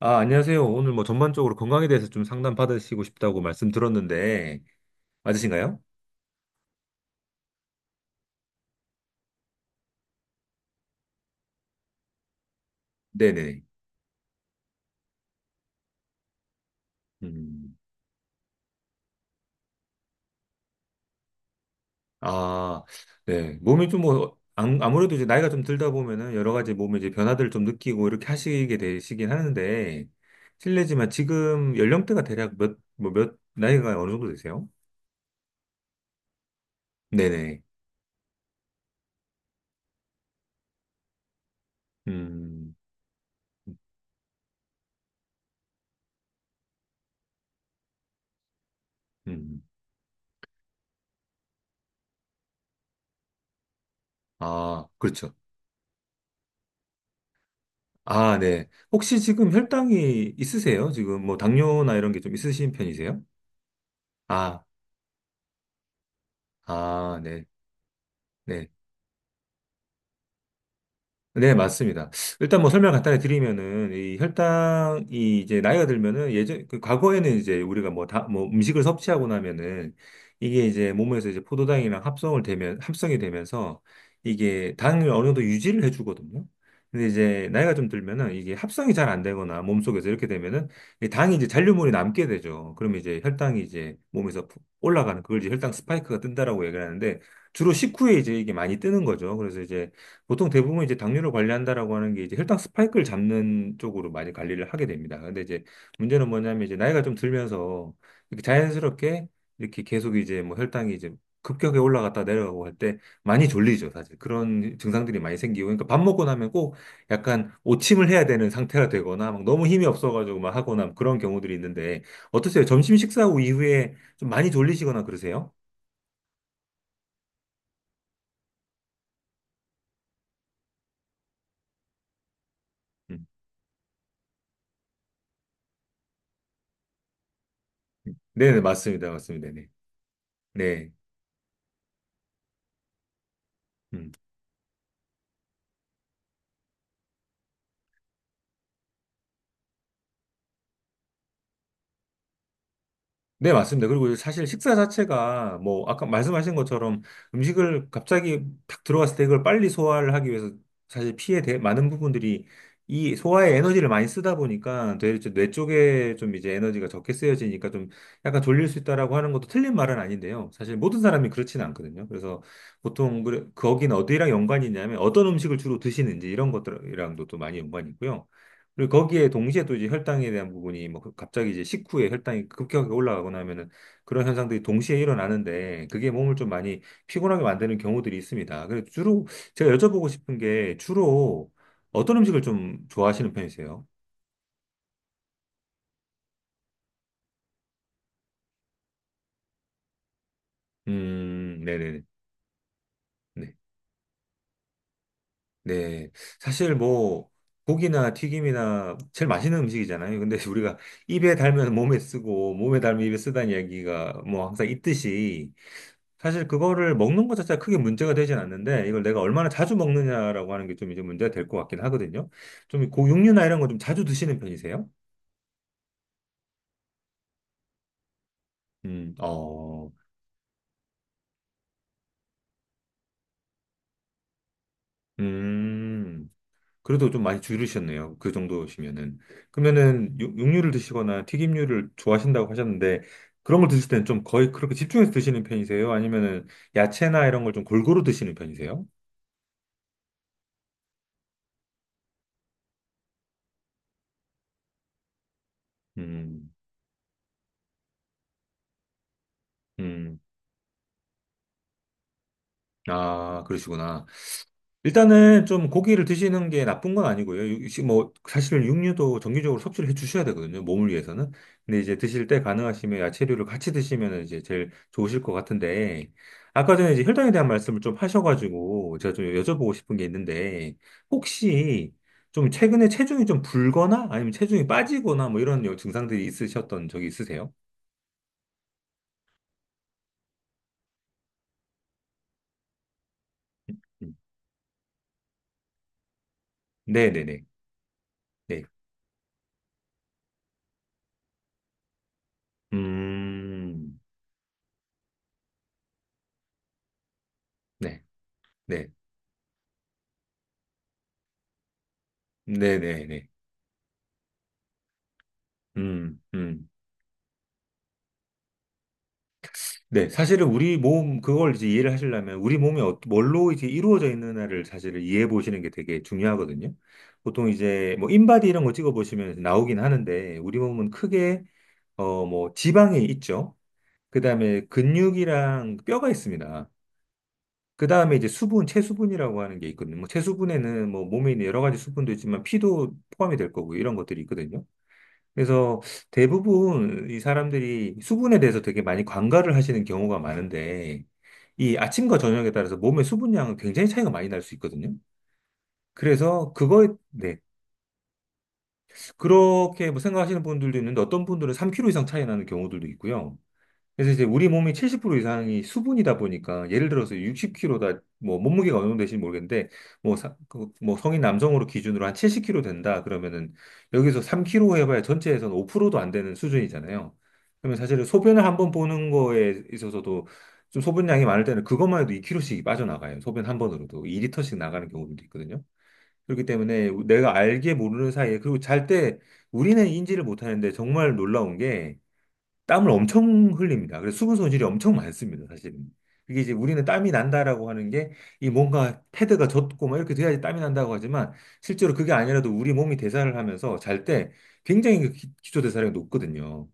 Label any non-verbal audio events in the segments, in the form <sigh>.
아, 안녕하세요. 오늘 뭐 전반적으로 건강에 대해서 좀 상담 받으시고 싶다고 말씀 들었는데, 맞으신가요? 네네. 음, 아, 네. 몸이 좀 뭐, 아무래도 이제 나이가 좀 들다 보면은 여러 가지 몸의 이제 변화들을 좀 느끼고 이렇게 하시게 되시긴 하는데, 실례지만 지금 연령대가 대략 몇, 뭐 몇, 나이가 어느 정도 되세요? 네네. 음, 음. 아, 그렇죠. 아, 네. 혹시 지금 혈당이 있으세요? 지금 뭐 당뇨나 이런 게 좀 있으신 편이세요? 아, 아, 네, 네. 네, 맞습니다. 일단 뭐 설명 간단히 드리면은 이 혈당이 이제 나이가 들면은 예전 그 과거에는 이제 우리가 뭐 다 뭐 음식을 섭취하고 나면은 이게 이제 몸에서 이제 포도당이랑 합성을 되면 합성이 되면서 이게 당을 어느 정도 유지를 해주거든요. 근데 이제 나이가 좀 들면은 이게 합성이 잘 안 되거나 몸속에서 이렇게 되면은 이 당이 이제 잔류물이 남게 되죠. 그러면 이제 혈당이 이제 몸에서 푹 올라가는 그걸 이제 혈당 스파이크가 뜬다라고 얘기를 하는데 주로 식후에 이제 이게 많이 뜨는 거죠. 그래서 이제 보통 대부분 이제 당뇨를 관리한다라고 하는 게 이제 혈당 스파이크를 잡는 쪽으로 많이 관리를 하게 됩니다. 근데 이제 문제는 뭐냐면 이제 나이가 좀 들면서 이렇게 자연스럽게 이렇게 계속 이제 뭐 혈당이 이제 급격하게 올라갔다 내려가고 할 때 많이 졸리죠, 사실. 그런 증상들이 많이 생기고. 그러니까 밥 먹고 나면 꼭 약간 오침을 해야 되는 상태가 되거나 막 너무 힘이 없어가지고 막 하거나 그런 경우들이 있는데 어떠세요? 점심 식사 후 이후에 좀 많이 졸리시거나 그러세요? 음. 음. 네네, 맞습니다. 맞습니다. 네. 네. 음. 네, 맞습니다. 그리고 사실 식사 자체가 뭐 아까 말씀하신 것처럼 음식을 갑자기 탁 들어갔을 때 이걸 빨리 소화를 하기 위해서 많은 부분들이 이 소화에 에너지를 많이 쓰다 보니까 되뇌 쪽에 좀 이제 에너지가 적게 쓰여지니까 좀 약간 졸릴 수 있다라고 하는 것도 틀린 말은 아닌데요. 사실 모든 사람이 그렇지는 않거든요. 그래서 보통 그 거긴 어디랑 연관이 있냐면 어떤 음식을 주로 드시는지 이런 것들이랑도 또 많이 연관이 있고요. 그리고 거기에 동시에 또 이제 혈당에 대한 부분이 갑자기 이제 식후에 혈당이 급격하게 올라가거나 하면은 그런 현상들이 동시에 일어나는데 그게 몸을 좀 많이 피곤하게 만드는 경우들이 있습니다. 그래서 주로 제가 여쭤보고 싶은 게 주로 어떤 음식을 좀 좋아하시는 편이세요? 네네네. 네. 네. 사실 뭐 고기나 튀김이나 제일 맛있는 음식이잖아요. 근데 <laughs> 우리가 입에 달면 몸에 쓰고 몸에 달면 입에 쓰다는 이야기가 뭐 항상 있듯이 사실 그거를 먹는 것 자체가 크게 문제가 되진 않는데 이걸 내가 얼마나 자주 먹느냐라고 하는 게 좀 이제 문제가 될 것 같긴 하거든요. 좀 고육류나 이런 거 좀 자주 드시는 편이세요? 어, 음, 그래도 좀 많이 줄으셨네요. 그 정도시면은. 그러면은 육류를 드시거나 튀김류를 좋아하신다고 하셨는데 그런 걸 드실 때는 좀 거의 그렇게 집중해서 드시는 편이세요? 아니면은 야채나 이런 걸 좀 골고루 드시는 편이세요? 음, 음, 아, 그러시구나. 일단은 좀 고기를 드시는 게 나쁜 건 아니고요. 뭐 사실 육류도 정기적으로 섭취를 해 주셔야 되거든요. 몸을 위해서는. 근데 이제 드실 때 가능하시면 야채류를 같이 드시면 이제 제일 좋으실 것 같은데 아까 전에 이제 혈당에 대한 말씀을 좀 하셔가지고 제가 좀 여쭤보고 싶은 게 있는데 혹시 좀 최근에 체중이 좀 불거나 아니면 체중이 빠지거나 뭐 이런 증상들이 있으셨던 적이 있으세요? 음. 네네네. 네. 음. 네. 네. 네네네. 음. 음. 네, 사실은 우리 몸, 그걸 이제 이해를 하시려면 우리 몸이 뭘로 이제 이루어져 있느냐를 사실을 이해해 보시는 게 되게 중요하거든요. 보통 이제 뭐 인바디 이런 거 찍어 보시면 나오긴 하는데 우리 몸은 크게 어 뭐 지방이 있죠. 그다음에 근육이랑 뼈가 있습니다. 그다음에 이제 수분, 체수분이라고 하는 게 있거든요. 뭐 체수분에는 뭐 몸에 있는 여러 가지 수분도 있지만 피도 포함이 될 거고 이런 것들이 있거든요. 그래서 대부분 이 사람들이 수분에 대해서 되게 많이 관가를 하시는 경우가 많은데 이 아침과 저녁에 따라서 몸의 수분량은 굉장히 차이가 많이 날 수 있거든요. 그래서 그거에 네. 그렇게 뭐 생각하시는 분들도 있는데 어떤 분들은 3kg 이상 차이 나는 경우들도 있고요. 그래서 이제 우리 몸이 70% 이상이 수분이다 보니까 예를 들어서 60kg다 뭐 몸무게가 어느 정도 되는지 모르겠는데 뭐 성인 남성으로 기준으로 한 70kg 된다 그러면은 여기서 3kg 해봐야 전체에서는 5%도 안 되는 수준이잖아요. 그러면 사실은 소변을 한번 보는 거에 있어서도 좀 소변량이 많을 때는 그것만 해도 2kg씩 빠져나가요. 소변 한 번으로도 2리터씩 나가는 경우도 있거든요. 그렇기 때문에 내가 알게 모르는 사이에 그리고 잘 때 우리는 인지를 못하는데 정말 놀라운 게 땀을 엄청 흘립니다. 그래서 수분 손실이 엄청 많습니다, 사실은. 그게 이제 우리는 땀이 난다라고 하는 게 이 뭔가 패드가 젖고 막 이렇게 돼야지 땀이 난다고 하지만 실제로 그게 아니라도 우리 몸이 대사를 하면서 잘 때 굉장히 기초 대사량이 높거든요.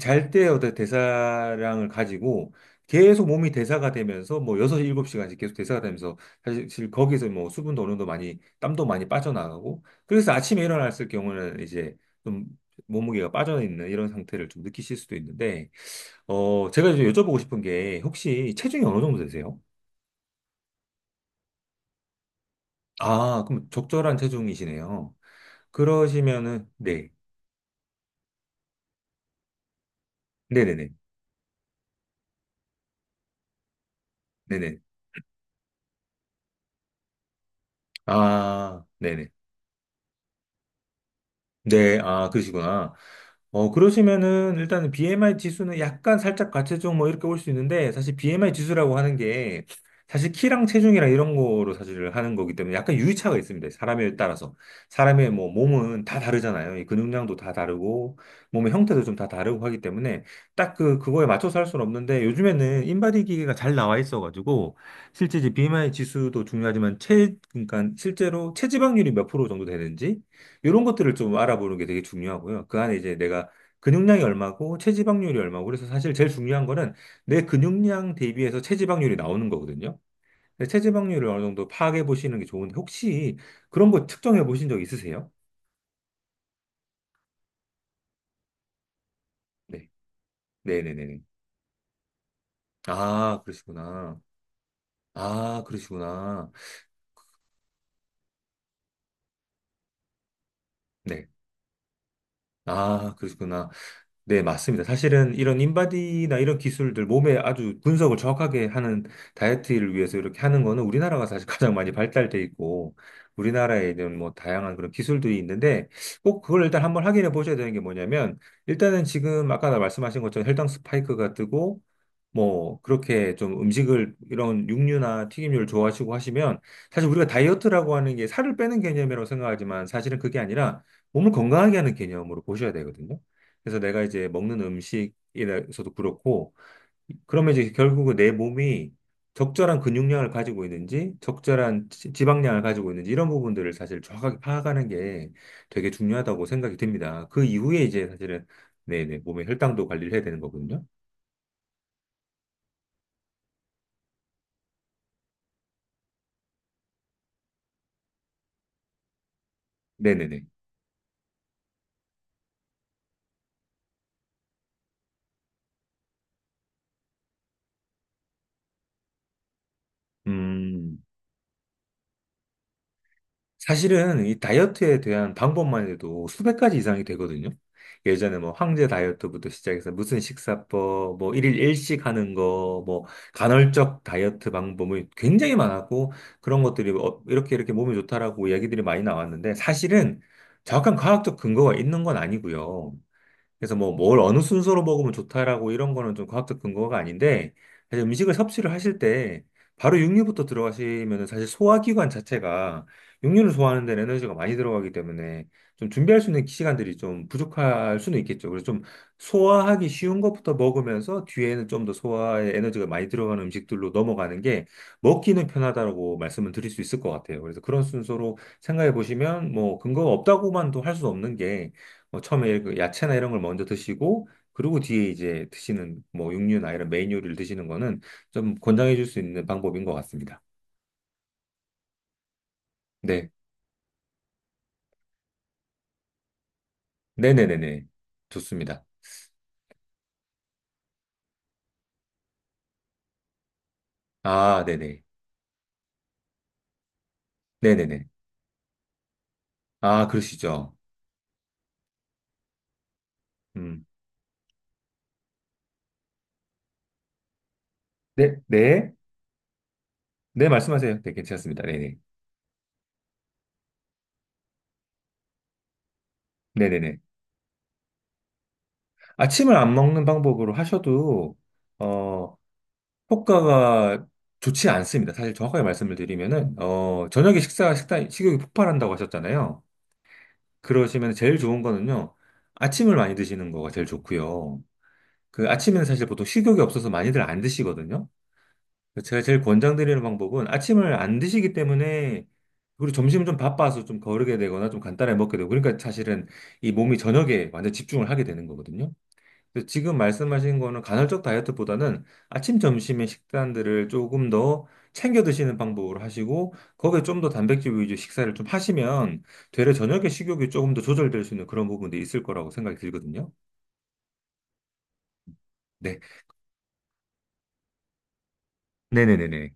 잘 때 어떤 대사량을 가지고 계속 몸이 대사가 되면서 뭐 6, 7시간씩 계속 대사가 되면서 사실 거기서 뭐 수분도 어느 정도 많이 땀도 많이 빠져나가고 그래서 아침에 일어났을 경우는 이제 좀 몸무게가 빠져있는 이런 상태를 좀 느끼실 수도 있는데 어 제가 좀 여쭤보고 싶은 게 혹시 체중이 어느 정도 되세요? 아 그럼 적절한 체중이시네요. 그러시면은 네 네네네 네네 아 네네 네, 아, 그러시구나. 어, 그러시면은 일단은 BMI 지수는 약간 살짝 과체중 뭐 이렇게 올 수 있는데 사실 BMI 지수라고 하는 게 사실 키랑 체중이랑 이런 거로 사실 하는 거기 때문에 약간 유의차가 있습니다. 사람에 따라서. 사람의 뭐 몸은 다 다르잖아요. 이 근육량도 다 다르고 몸의 형태도 좀 다 다르고 하기 때문에 딱 그거에 맞춰서 할 수는 없는데 요즘에는 인바디 기계가 잘 나와 있어가지고 실제 이제 BMI 지수도 중요하지만 그러니까 실제로 체지방률이 몇 프로 정도 되는지 이런 것들을 좀 알아보는 게 되게 중요하고요. 그 안에 이제 내가 근육량이 얼마고 체지방률이 얼마고 그래서 사실 제일 중요한 거는 내 근육량 대비해서 체지방률이 나오는 거거든요. 근데 체지방률을 어느 정도 파악해 보시는 게 좋은데 혹시 그런 거 측정해 보신 적 있으세요? 네. 네네네네. 아, 그러시구나. 아, 그러시구나. 네. 아, 그러시구나. 네, 맞습니다. 사실은 이런 인바디나 이런 기술들, 몸에 아주 분석을 정확하게 하는 다이어트를 위해서 이렇게 하는 거는 우리나라가 사실 <laughs> 가장 많이 발달돼 있고, 우리나라에 있는 뭐 다양한 그런 기술들이 있는데, 꼭 그걸 일단 한번 확인해 보셔야 되는 게 뭐냐면, 일단은 지금 아까 나 말씀하신 것처럼 혈당 스파이크가 뜨고, 뭐, 그렇게 좀 음식을, 이런 육류나 튀김류를 좋아하시고 하시면, 사실 우리가 다이어트라고 하는 게 살을 빼는 개념이라고 생각하지만, 사실은 그게 아니라 몸을 건강하게 하는 개념으로 보셔야 되거든요. 그래서 내가 이제 먹는 음식에서도 그렇고, 그러면 이제 결국은 내 몸이 적절한 근육량을 가지고 있는지, 적절한 지방량을 가지고 있는지, 이런 부분들을 사실 정확하게 파악하는 게 되게 중요하다고 생각이 듭니다. 그 이후에 이제 사실은, 네네, 몸의 혈당도 관리를 해야 되는 거거든요. 네네네. 음. 사실은 이 다이어트에 대한 방법만 해도 수백 가지 이상이 되거든요. 예전에 뭐 황제 다이어트부터 시작해서 무슨 식사법, 뭐 일일 일식 하는 거, 뭐 간헐적 다이어트 방법이 굉장히 많았고 그런 것들이 어, 이렇게 이렇게 몸에 좋다라고 이야기들이 많이 나왔는데 사실은 정확한 과학적 근거가 있는 건 아니고요. 그래서 뭐 뭘 어느 순서로 먹으면 좋다라고 이런 거는 좀 과학적 근거가 아닌데 사실 음식을 섭취를 하실 때 바로 육류부터 들어가시면은 사실 소화기관 자체가 육류를 소화하는 데는 에너지가 많이 들어가기 때문에 좀 준비할 수 있는 시간들이 좀 부족할 수는 있겠죠. 그래서 좀 소화하기 쉬운 것부터 먹으면서 뒤에는 좀 더 소화에 에너지가 많이 들어가는 음식들로 넘어가는 게 먹기는 편하다라고 말씀을 드릴 수 있을 것 같아요. 그래서 그런 순서로 생각해 보시면 뭐 근거가 없다고만도 할 수 없는 게 뭐 처음에 그 야채나 이런 걸 먼저 드시고 그리고 뒤에 이제 드시는 뭐 육류나 이런 메인 요리를 드시는 거는 좀 권장해 줄 수 있는 방법인 것 같습니다. 네. 네네네네. 좋습니다. 아, 네네. 네네네. 아, 그러시죠. 음. 네, 네. 네, 말씀하세요. 네, 괜찮습니다. 네네. 네네네. 아침을 안 먹는 방법으로 하셔도, 어, 효과가 좋지 않습니다. 사실 정확하게 말씀을 드리면은, 어, 저녁에 식사, 식단, 식욕이 폭발한다고 하셨잖아요. 그러시면 제일 좋은 거는요. 아침을 많이 드시는 거가 제일 좋고요. 그 아침에는 사실 보통 식욕이 없어서 많이들 안 드시거든요. 그래서 제가 제일 권장드리는 방법은 아침을 안 드시기 때문에 그리고 점심은 좀 바빠서 좀 거르게 되거나 좀 간단하게 먹게 되고 그러니까 사실은 이 몸이 저녁에 완전 집중을 하게 되는 거거든요. 근데 지금 말씀하신 거는 간헐적 다이어트보다는 아침, 점심의 식단들을 조금 더 챙겨 드시는 방법으로 하시고, 거기에 좀 더 단백질 위주 식사를 좀 하시면, 되려 저녁에 식욕이 조금 더 조절될 수 있는 그런 부분도 있을 거라고 생각이 들거든요. 네. 네네네네.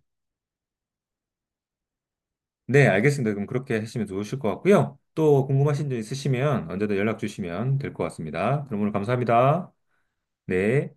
네, 알겠습니다. 그럼 그렇게 하시면 좋으실 것 같고요. 또 궁금하신 점 있으시면 언제든 연락 주시면 될 것 같습니다. 그럼 오늘 감사합니다. 네.